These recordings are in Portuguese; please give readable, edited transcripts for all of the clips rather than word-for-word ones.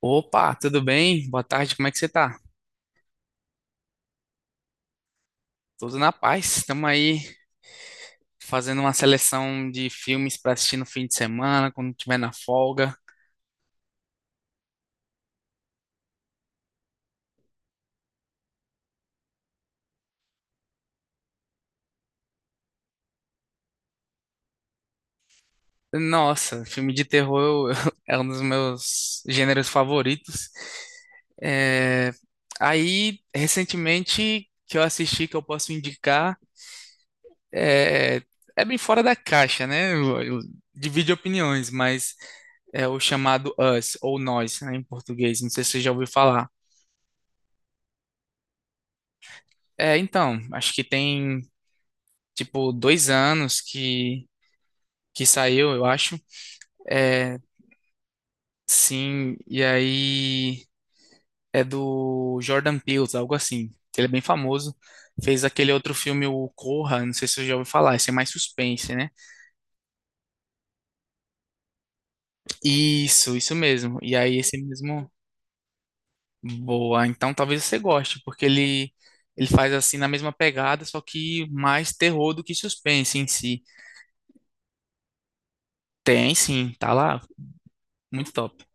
Opa, tudo bem? Boa tarde, como é que você tá? Tudo na paz. Estamos aí fazendo uma seleção de filmes para assistir no fim de semana, quando tiver na folga. Nossa, filme de terror é um dos meus gêneros favoritos. É, Aí, recentemente, que eu assisti, que eu posso indicar, é, é bem fora da caixa, né? Divide opiniões, mas é o chamado Us, ou Nós, né, em português. Não sei se você já ouviu falar. É, então, acho que tem, tipo, 2 anos que saiu, eu acho. É, sim, e aí é do Jordan Peele, algo assim. Ele é bem famoso. Fez aquele outro filme, o Corra, não sei se você já ouviu falar, esse é mais suspense, né? Isso mesmo. E aí esse mesmo, boa, então talvez você goste, porque ele faz assim na mesma pegada, só que mais terror do que suspense em si. Tem sim, tá lá, muito top.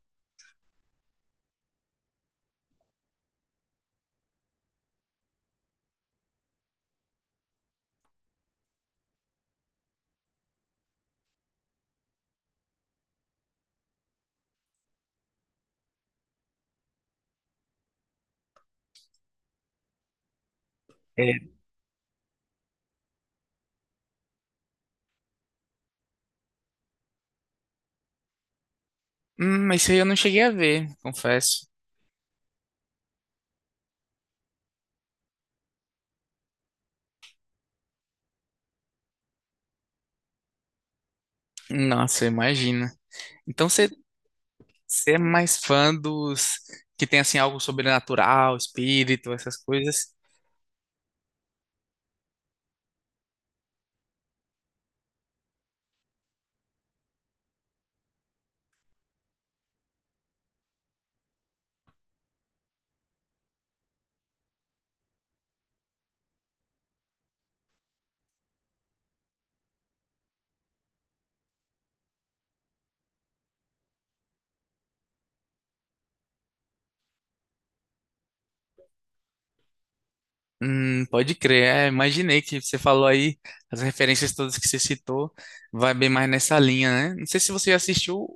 Isso aí eu não cheguei a ver, confesso. Nossa, imagina. Então você, você é mais fã dos que tem assim algo sobrenatural, espírito, essas coisas? Pode crer. É, imaginei que você falou aí as referências todas que você citou, vai bem mais nessa linha, né? Não sei se você já assistiu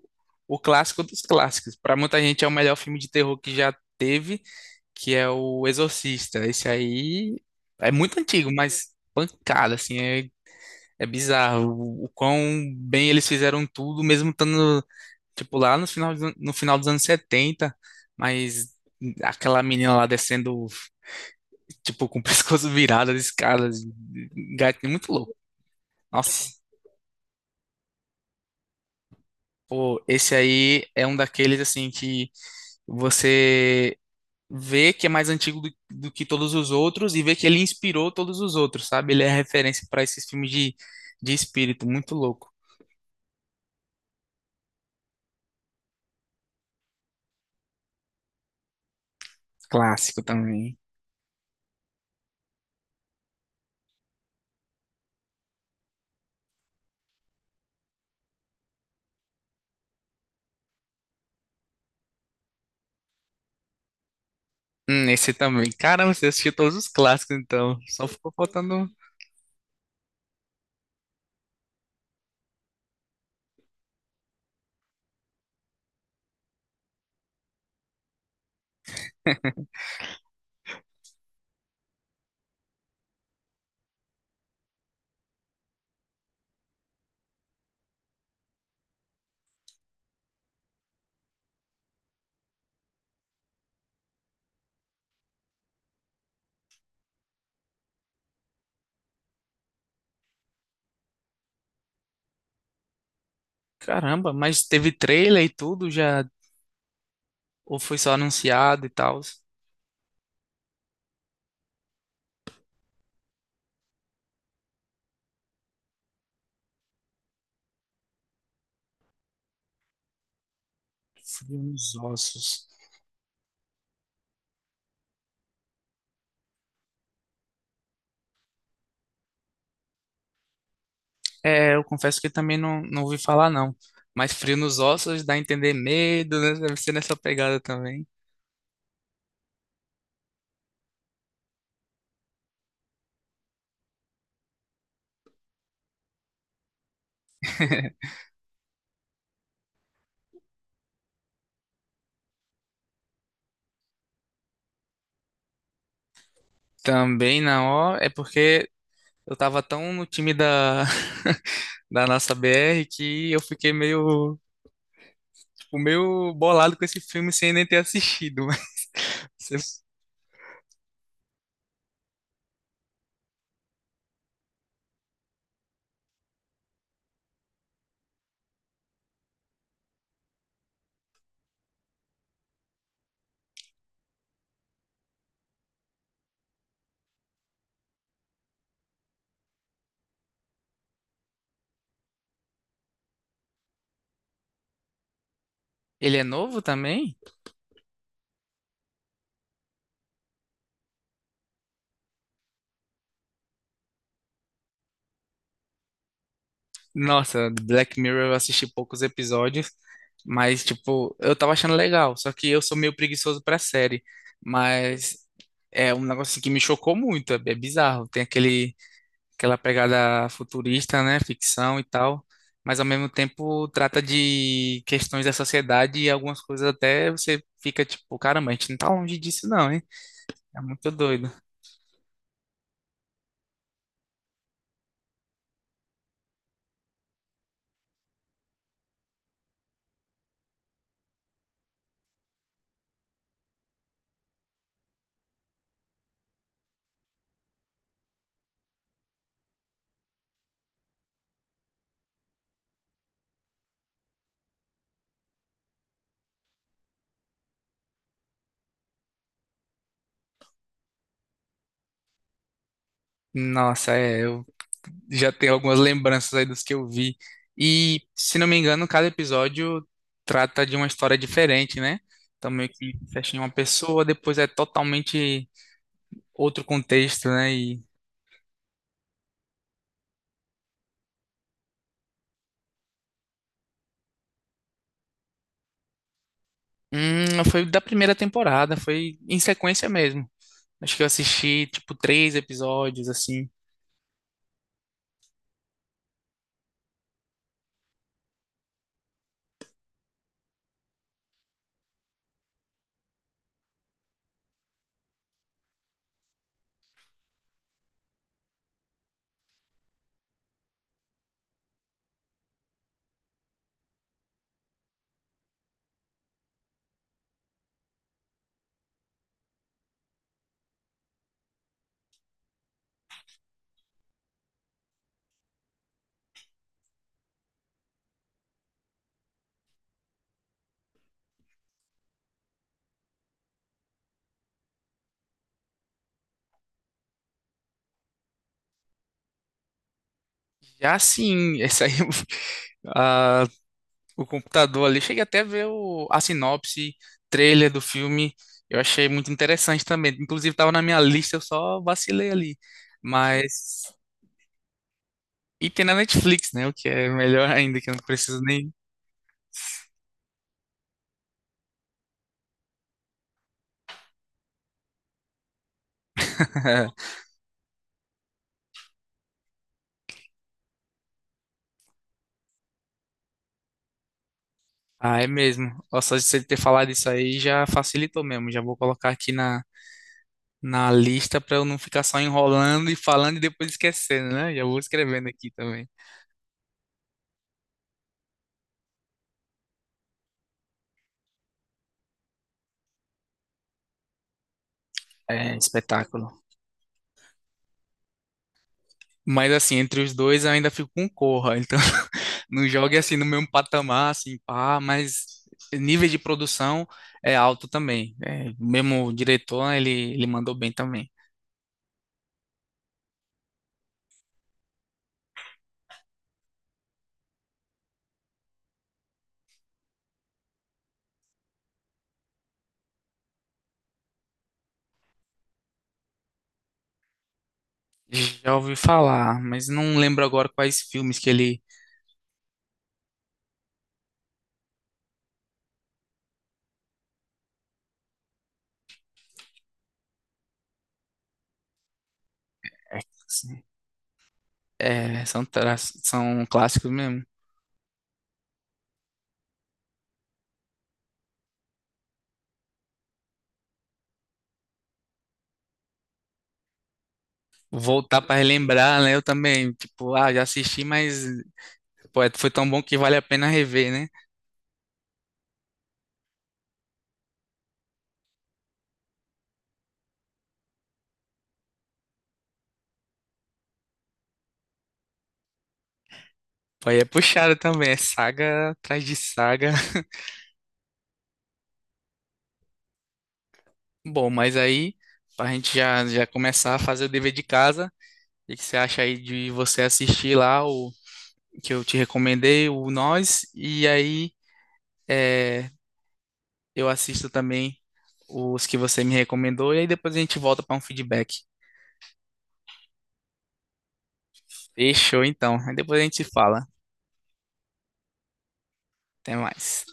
o clássico dos clássicos. Para muita gente é o melhor filme de terror que já teve, que é o Exorcista. Esse aí é muito antigo, mas pancada assim, é É bizarro o quão bem eles fizeram tudo, mesmo estando, tipo, lá no final, no final dos anos 70. Mas aquela menina lá descendo, tipo, com o pescoço virado de escadas, gatinho muito louco. Nossa, pô, esse aí é um daqueles, assim, que você vê que é mais antigo do que todos os outros e vê que ele inspirou todos os outros, sabe? Ele é referência para esses filmes de espírito, muito louco. Clássico também. Esse também. Caramba, você assistiu todos os clássicos, então. Só ficou faltando um. Caramba, mas teve trailer e tudo já? Ou foi só anunciado e tal? Frio nos ossos. É, eu confesso que também não, não ouvi falar, não. Mas frio nos ossos dá a entender medo, né? Deve ser nessa pegada também. Também não, ó. É porque eu tava tão no time da, da nossa BR que eu fiquei meio, tipo, meio bolado com esse filme sem nem ter assistido. Mas você Ele é novo também? Nossa, Black Mirror eu assisti poucos episódios, mas tipo, eu tava achando legal, só que eu sou meio preguiçoso pra série, mas é um negócio assim que me chocou muito, é bizarro, tem aquele aquela pegada futurista, né, ficção e tal, mas ao mesmo tempo trata de questões da sociedade e algumas coisas até você fica tipo, caramba, a gente não tá longe disso não, hein? É muito doido. Nossa, é, eu já tenho algumas lembranças aí dos que eu vi. E, se não me engano, cada episódio trata de uma história diferente, né? Então, meio que fecha em uma pessoa, depois é totalmente outro contexto, né? E, foi da primeira temporada, foi em sequência mesmo. Acho que eu assisti, tipo, 3 episódios, assim. Já sim, essa aí, ah, o computador ali. Cheguei até a ver a sinopse, trailer do filme. Eu achei muito interessante também. Inclusive, estava na minha lista, eu só vacilei ali. Mas. E tem na Netflix, né? O que é melhor ainda, que eu não preciso nem. Ah, é mesmo. Ó, só de você ter falado isso aí já facilitou mesmo. Já vou colocar aqui na, na lista para eu não ficar só enrolando e falando e depois esquecendo, né? Já vou escrevendo aqui também. É, espetáculo. Mas assim, entre os dois eu ainda fico com Corra. Então, não jogue assim no mesmo patamar, assim, pá, mas nível de produção é alto também. É, o mesmo diretor, ele mandou bem também. Já ouvi falar, mas não lembro agora quais filmes que ele. É, assim, são clássicos mesmo. Voltar para relembrar, né? Eu também, tipo, ah, já assisti, mas pô, foi tão bom que vale a pena rever, né? Pô, aí é puxado também, é saga atrás de saga. Bom, mas aí, pra gente já começar a fazer o dever de casa, o que que você acha aí de você assistir lá o que eu te recomendei, o Nós, e aí é, eu assisto também os que você me recomendou, e aí depois a gente volta para um feedback. Fechou então, aí depois a gente se fala. Até mais.